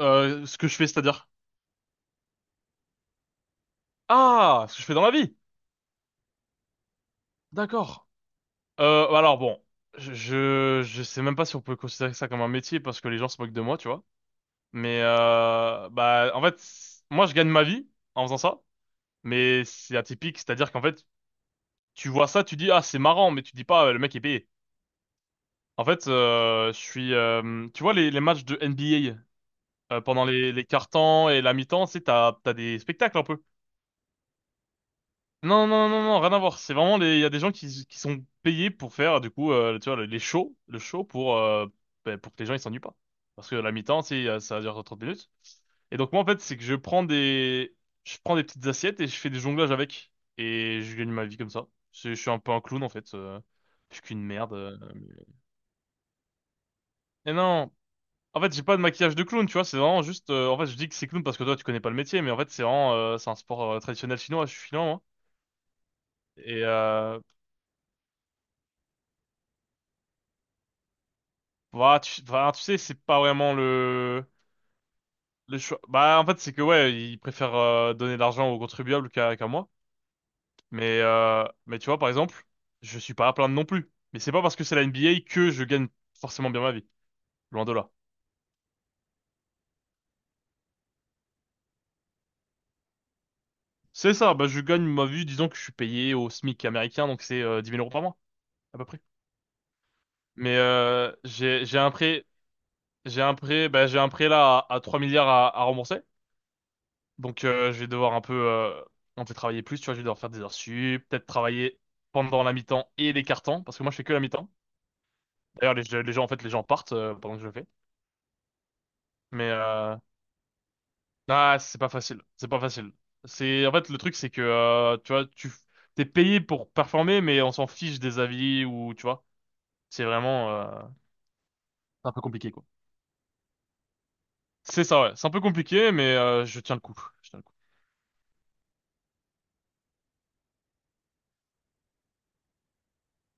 Ce que je fais, c'est-à-dire? Ah, ce que je fais dans la vie. D'accord. Alors bon, je sais même pas si on peut considérer ça comme un métier parce que les gens se moquent de moi, tu vois. Mais bah en fait, moi je gagne ma vie en faisant ça, mais c'est atypique, c'est-à-dire qu'en fait, tu vois ça, tu dis ah c'est marrant, mais tu dis pas le mec est payé. En fait, je suis, tu vois les matchs de NBA pendant les quarts-temps et la mi-temps, c'est t'as des spectacles un peu. Non, non, non, non, rien à voir. C'est vraiment les, il y a des gens qui sont payés pour faire, du coup, tu vois, les shows, le show pour, ben, pour que les gens ils s'ennuient pas. Parce que la mi-temps, c'est, ça dure 30 minutes. Et donc, moi, en fait, c'est que je prends des petites assiettes et je fais des jonglages avec. Et je gagne ma vie comme ça. Je suis un peu un clown, en fait. Je suis qu'une merde. Et non! En fait, j'ai pas de maquillage de clown, tu vois, c'est vraiment juste, en fait, je dis que c'est clown parce que toi, tu connais pas le métier, mais en fait, c'est vraiment, c'est un sport traditionnel chinois, je suis chinois, moi. Et, Bah, bah, tu sais, c'est pas vraiment le choix. Bah, en fait, c'est que, ouais, ils préfèrent donner de l'argent aux contribuables qu'à moi. Mais tu vois, par exemple, je suis pas à plaindre non plus. Mais c'est pas parce que c'est la NBA que je gagne forcément bien ma vie. Loin de là. C'est ça, bah, je gagne ma vie, disons que je suis payé au SMIC américain, donc c'est 10 000 euros par mois, à peu près. Mais bah, j'ai un prêt là à 3 milliards à rembourser. Donc je vais devoir un peu travailler plus, tu vois, je vais devoir faire des heures sup, peut-être travailler pendant la mi-temps et les cartons, parce que moi je fais que la mi-temps. D'ailleurs les gens en fait les gens partent pendant que je le fais. Mais ah c'est pas facile, c'est pas facile. C'est en fait le truc c'est que tu vois tu t'es payé pour performer mais on s'en fiche des avis ou tu vois c'est vraiment c'est un peu compliqué quoi. C'est ça ouais, c'est un peu compliqué mais je tiens le coup, je tiens le coup.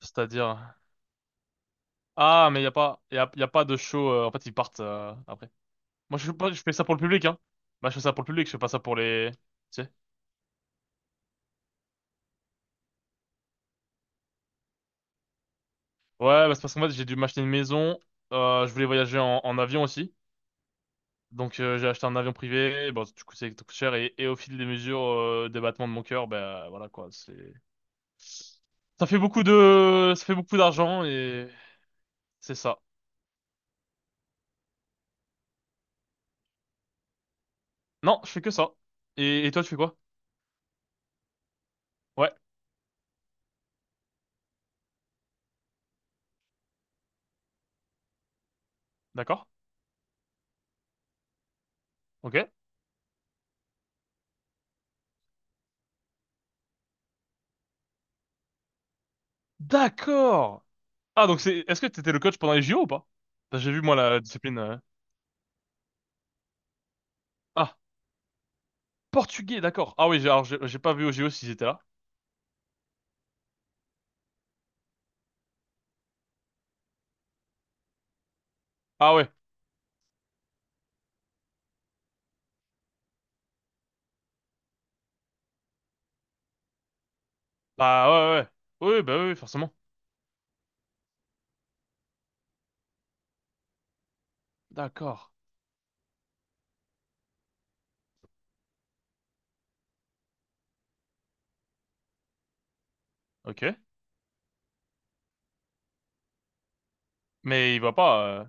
C'est-à-dire ah mais y a pas de show en fait ils partent après. Moi, je fais pas, je fais ça pour le public, hein. Moi, je fais ça pour le public, je fais pas ça pour les... Tu sais. Ouais, bah, c'est parce qu'en fait, j'ai dû m'acheter une maison. Je voulais voyager en avion aussi. Donc, j'ai acheté un avion privé. Bon, du coup, ça coûte cher. Et au fil des mesures, des battements de mon cœur, bah, voilà, quoi. C'est... Ça fait beaucoup de... Ça fait beaucoup d'argent et... C'est ça. Non, je fais que ça. Et toi, tu fais quoi? Ouais, d'accord. Ok. D'accord! Ah, donc c'est... Est-ce que t'étais le coach pendant les JO ou pas? Parce que j'ai vu, moi, la discipline... Ah. Portugais, d'accord. Ah oui, alors j'ai pas vu au JO s'ils étaient là. Ah ouais. Bah ouais, ouais. Ouais. Oui, oui, bah oui, oui, forcément. D'accord. Ok. Mais il voit pas.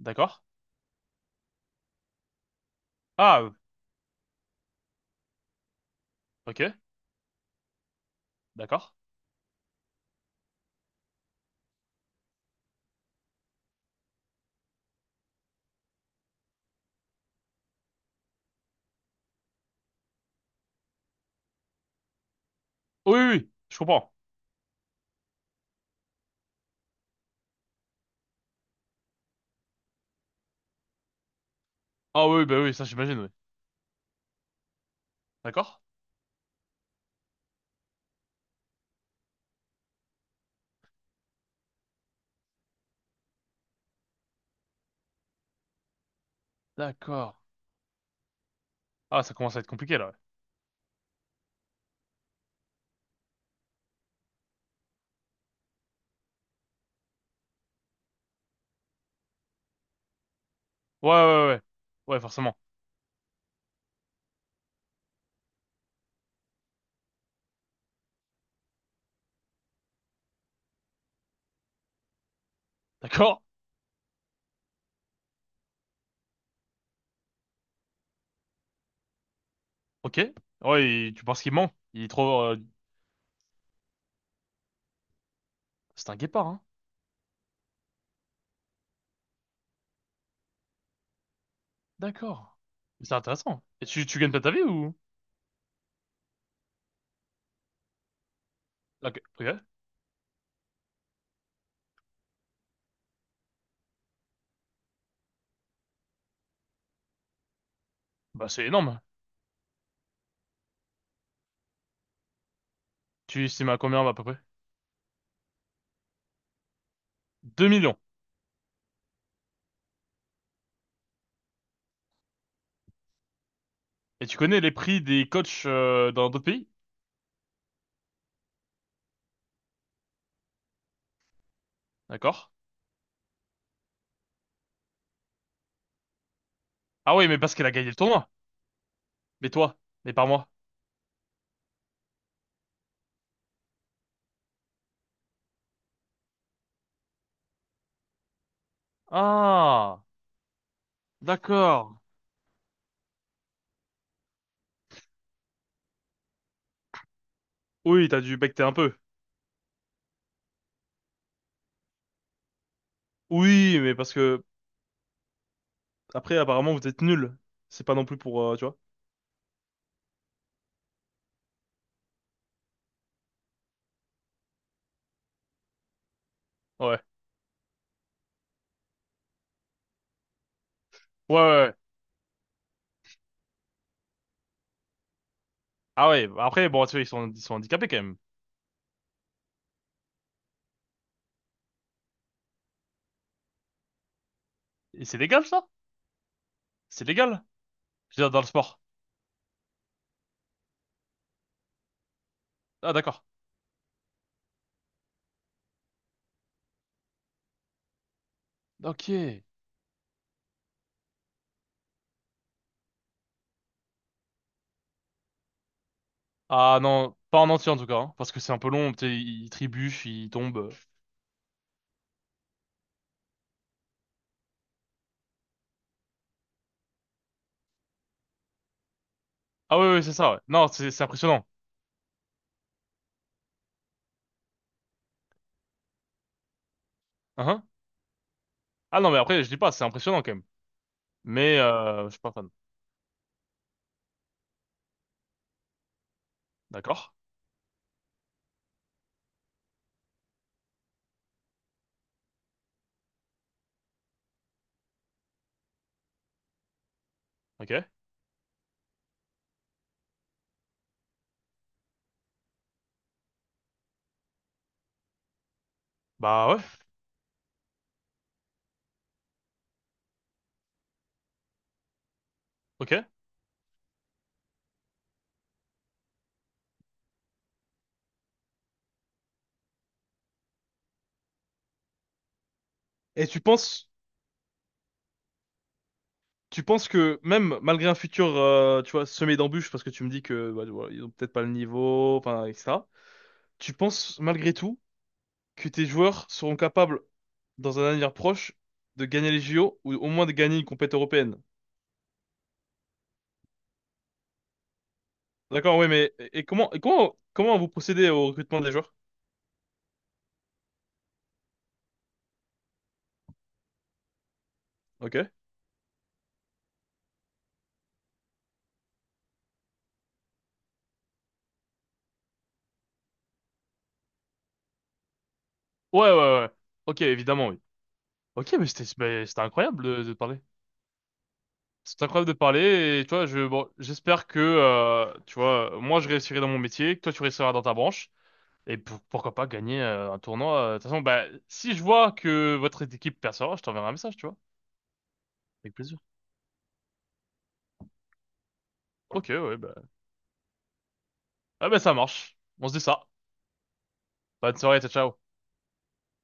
D'accord. Ah, ok. D'accord. Oui, oui, oui, je comprends. Ah oui, bah oui, ça j'imagine, oui. D'accord. D'accord. Ah, ça commence à être compliqué là. Ouais, ouais, ouais. Ouais, ouais, ouais, forcément. D'accord. Ok. Ouais, tu penses qu'il ment? Il est trop. C'est un guépard, hein. D'accord. C'est intéressant. Et tu gagnes pas ta vie ou? Ok. Ok. Bah c'est énorme. Tu estimes à combien à peu près? 2 millions. Et tu connais les prix des coachs dans d'autres pays? D'accord. Ah oui, mais parce qu'elle a gagné le tournoi. Mais toi, mais pas moi. Ah, d'accord. Oui, t'as dû becter un peu. Oui, mais parce que après, apparemment, vous êtes nuls. C'est pas non plus pour, tu vois. Ouais. Ouais, ouais. Ouais. Ah ouais. Bah après, bon, tu vois, ils sont handicapés quand même. Et c'est légal ça? C'est légal? Je veux dire, dans le sport. Ah d'accord. Ok. Ah non, pas en entier en tout cas, hein, parce que c'est un peu long, tu sais, ils trébuchent, ils tombent. Ah oui, oui, c'est ça. Ouais. Non, c'est impressionnant. Uh-huh. Ah non, mais après, je dis pas, c'est impressionnant quand même. Mais je suis pas fan. D'accord. Ok. Bah ouais. Ok. Et tu penses que même malgré un futur, tu vois, semé d'embûches, parce que tu me dis que bah, tu vois, ils ont peut-être pas le niveau, enfin, et etc. Tu penses malgré tout que tes joueurs seront capables, dans un avenir proche, de gagner les JO ou au moins de gagner une compétition européenne? D'accord, oui, mais comment vous procédez au recrutement des joueurs? Ok. Ouais, ouais, ouais. Ok, évidemment, oui. Ok, mais c'était incroyable de te parler. C'est incroyable de parler et toi, je bon, j'espère que tu vois, moi je réussirai dans mon métier, que toi tu réussiras dans ta branche et pourquoi pas gagner un tournoi. De toute façon, bah si je vois que votre équipe percevra, je t'enverrai un message, tu vois. Avec plaisir. Ok, ouais, bah ah bah ça marche. On se dit ça. Bonne soirée, ciao, ciao.